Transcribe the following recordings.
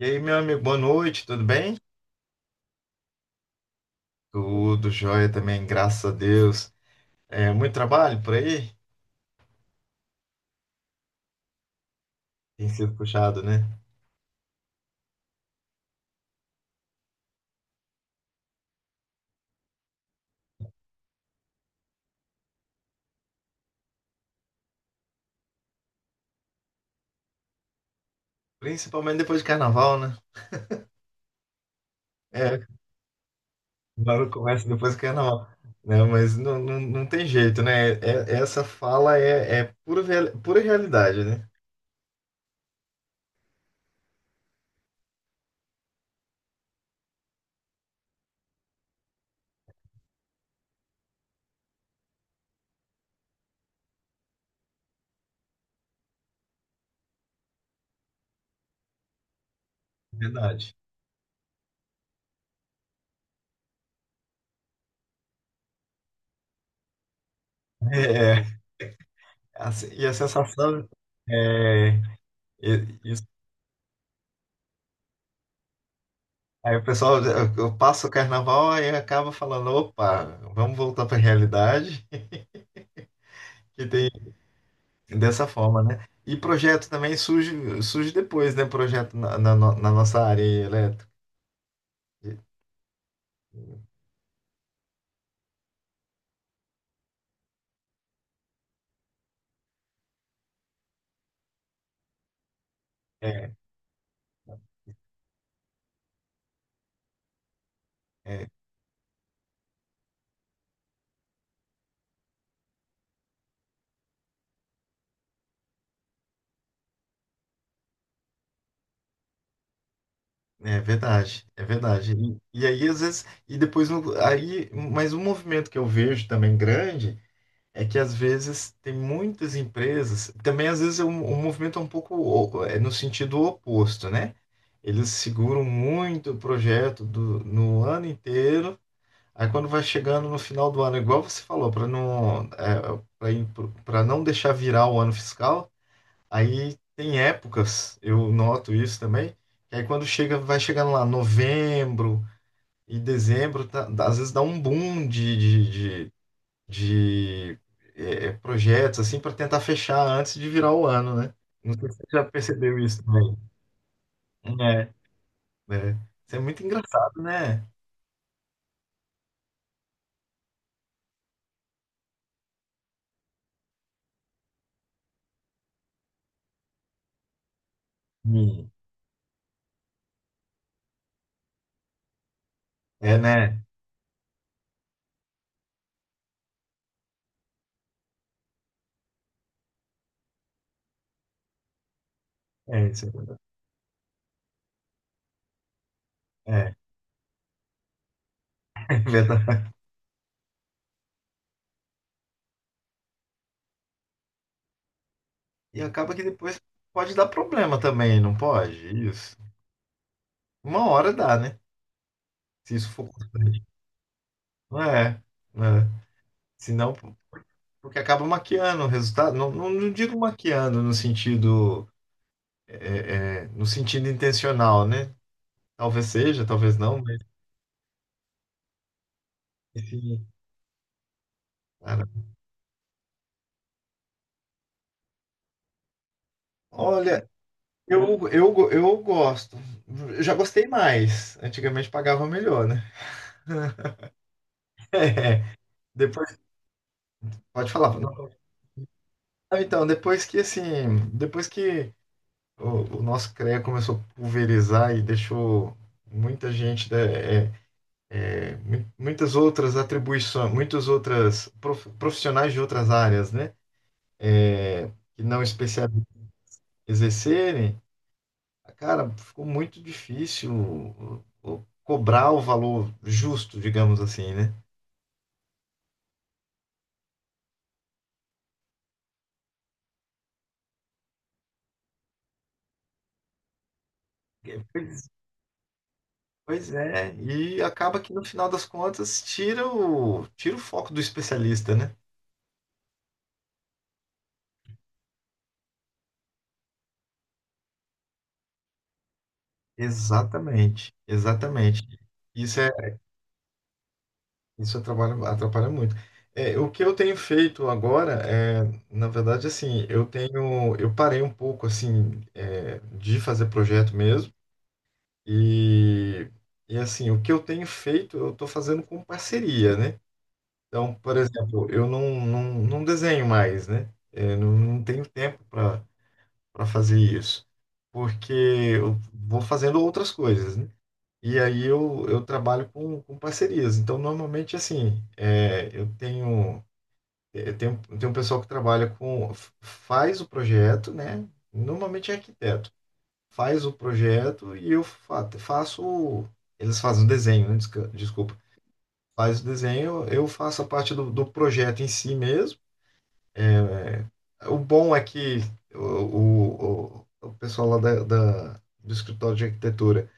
E aí, meu amigo, boa noite, tudo bem? Tudo jóia também, graças a Deus. É, muito trabalho por aí? Tem sido puxado, né? Principalmente depois de carnaval, né? É, agora começa depois do carnaval. Né? Mas não tem jeito, né? É, essa fala é, é pura realidade, né? Verdade. É, é, assim, e a sensação é, e- isso- aí o pessoal, eu passo o carnaval e acaba falando, opa, vamos voltar para a realidade, que tem. Dessa forma, né? E projeto também surge, surge depois, né? Projeto na, na, no- na nossa área elétrica. É, é, é verdade, é verdade. E aí, às vezes, e depois, mas um movimento que eu vejo também grande é que, às vezes, tem muitas empresas, também, às vezes, um movimento é um pouco é no sentido oposto, né? Eles seguram muito o projeto no ano inteiro. Aí quando vai chegando no final do ano, igual você falou, para não deixar virar o ano fiscal, aí tem épocas, eu noto isso também, que aí quando chega, vai chegando lá novembro e dezembro, às vezes dá um boom de, de, de, de, é, é, projetos assim para tentar fechar antes de virar o ano, né? Não sei se você já percebeu isso também. É, é. Isso é muito engraçado, né? Sim. É, né? É isso. É, verdade. E acaba que depois pode dar problema também, não pode? Isso. Uma hora dá, né? Se isso for constante. Não é, né? Senão, porque acaba maquiando o resultado. Não digo maquiando no sentido, é, é, no sentido intencional, né? Talvez seja, talvez não, mas enfim, cara. Olha, eu gosto. Eu já gostei mais. Antigamente pagava melhor, né? Depois, pode falar. Não, então, depois que o nosso CREA começou a pulverizar e deixou muita gente, é, é, muitas outras atribuições, muitas outras profissionais de outras áreas, né? Que não especialistas exercerem, cara, ficou muito difícil cobrar o valor justo, digamos assim, né? É, pois, pois é, e acaba que no final das contas tira o, tira o foco do especialista, né? Exatamente, exatamente. Isso é, isso atrapalha, atrapalha muito. É, o que eu tenho feito agora é, na verdade, assim, eu tenho, eu parei um pouco, assim, é, de fazer projeto mesmo e, e assim, o que eu tenho feito, eu estou fazendo com parceria, né? Então, por exemplo, eu não, não, não desenho mais, né? É, não tenho tempo para para fazer isso, porque eu vou fazendo outras coisas, né? E aí eu trabalho com parcerias. Então, normalmente, assim, é, eu tenho eh, tem, tem um pessoal que trabalha com. Faz o projeto, né? Normalmente é arquiteto. Faz o projeto e eu faço. Eles fazem o desenho, né? Desculpa. Faz o desenho, eu faço a parte do, do projeto em si mesmo. O bom é que o o pessoal lá da, do escritório de arquitetura,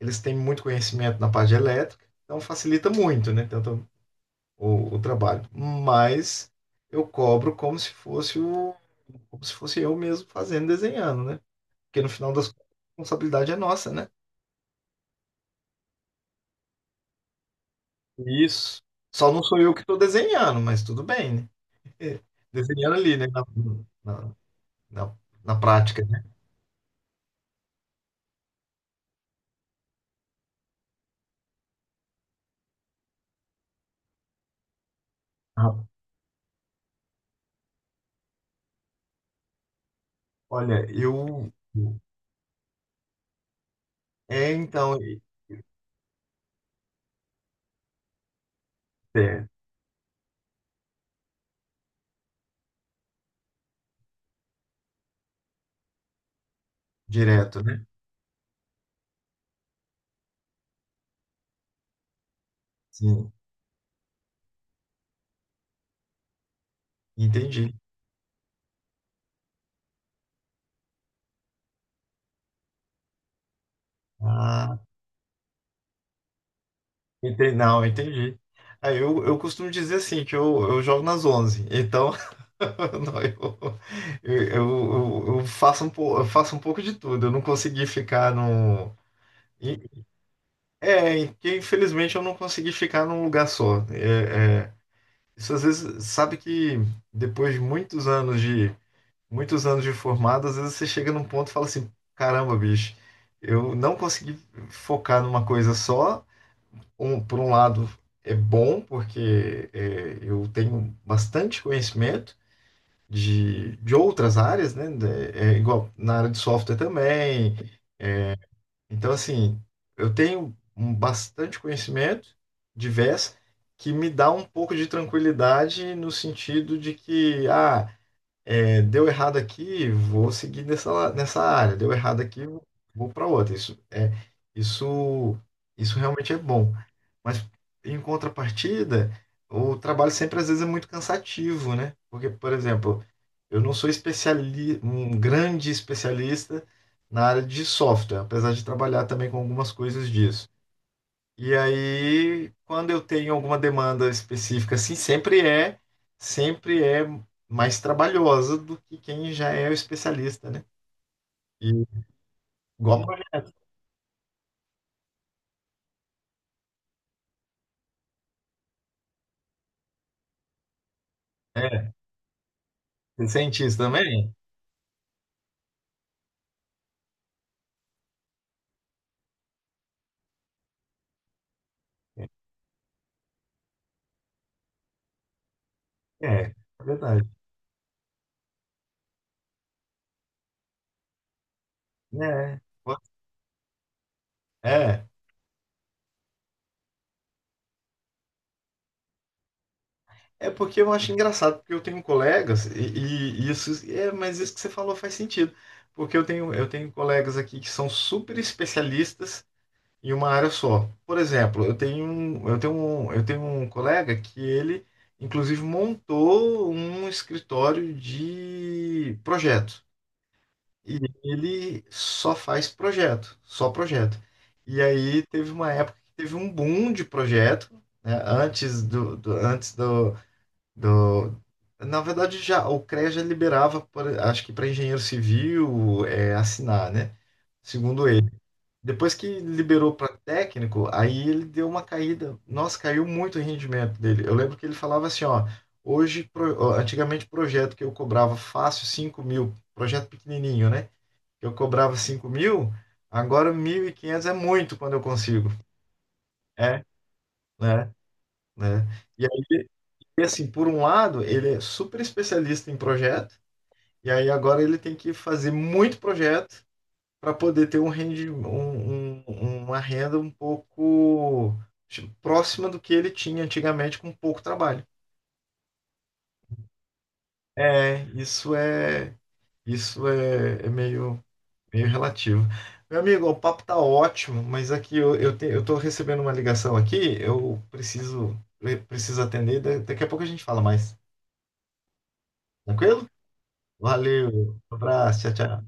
eles têm muito conhecimento na parte de elétrica, então facilita muito, né? Tanto o trabalho. Mas eu cobro como se fosse o como se fosse eu mesmo fazendo, desenhando, né? Porque no final das contas, a responsabilidade é nossa, né? Isso. Só não sou eu que estou desenhando, mas tudo bem, né? Desenhando ali, né? Na, na, na prática, né? Ah, olha, eu. É, então, é, direto, né? Sim, entendi. Ah, entendi. Não, entendi. Aí eu costumo dizer assim, que eu jogo nas onze. Então, não, eu faço um, eu faço um pouco de tudo. Eu não consegui ficar no... e- É, que infelizmente eu não consegui ficar num lugar só. É, é, isso às vezes, sabe que depois de muitos anos de, muitos anos de formado, às vezes você chega num ponto e fala assim, caramba, bicho, eu não consegui focar numa coisa só, um, por um lado, é bom, porque é, eu tenho bastante conhecimento de outras áreas, né? É igual na área de software também. Então, assim, eu tenho um bastante conhecimento diverso que me dá um pouco de tranquilidade no sentido de que, ah, é, deu errado aqui, vou seguir nessa, nessa área, deu errado aqui, vou para outra. Isso isso realmente é bom. Mas em contrapartida, o trabalho sempre às vezes é muito cansativo, né? Porque, por exemplo, eu não sou especiali um grande especialista na área de software, apesar de trabalhar também com algumas coisas disso. E aí, quando eu tenho alguma demanda específica, assim, sempre é mais trabalhosa do que quem já é o especialista, né? E igual pra mim, é, ser cientista também? É, é verdade. É, é, é porque eu acho engraçado, porque eu tenho colegas, e isso, é, mas isso que você falou faz sentido. Porque eu tenho colegas aqui que são super especialistas em uma área só. Por exemplo, eu tenho um colega que ele, inclusive, montou um escritório de projeto. E ele só faz projeto, só projeto. E aí teve uma época que teve um boom de projeto, né, antes do, do- Na verdade, já o CREA já liberava, acho que para engenheiro civil, é, assinar, né? Segundo ele depois que liberou para técnico, aí ele deu uma caída. Nossa, caiu muito o rendimento dele. Eu lembro que ele falava assim, ó, hoje, ó, antigamente projeto que eu cobrava fácil 5.000, projeto pequenininho, né? Eu cobrava 5.000, agora 1.500 é muito quando eu consigo. É, né? Né? E aí, e assim, por um lado, ele é super especialista em projeto, e aí agora ele tem que fazer muito projeto para poder ter um rendi, uma renda um pouco tipo, próxima do que ele tinha antigamente com pouco trabalho. É, isso é, é meio meio relativo. Meu amigo, o papo tá ótimo, mas aqui eu tô recebendo uma ligação aqui, eu preciso atender, daqui a pouco a gente fala mais. Tranquilo? Valeu, um abraço, tchau, tchau.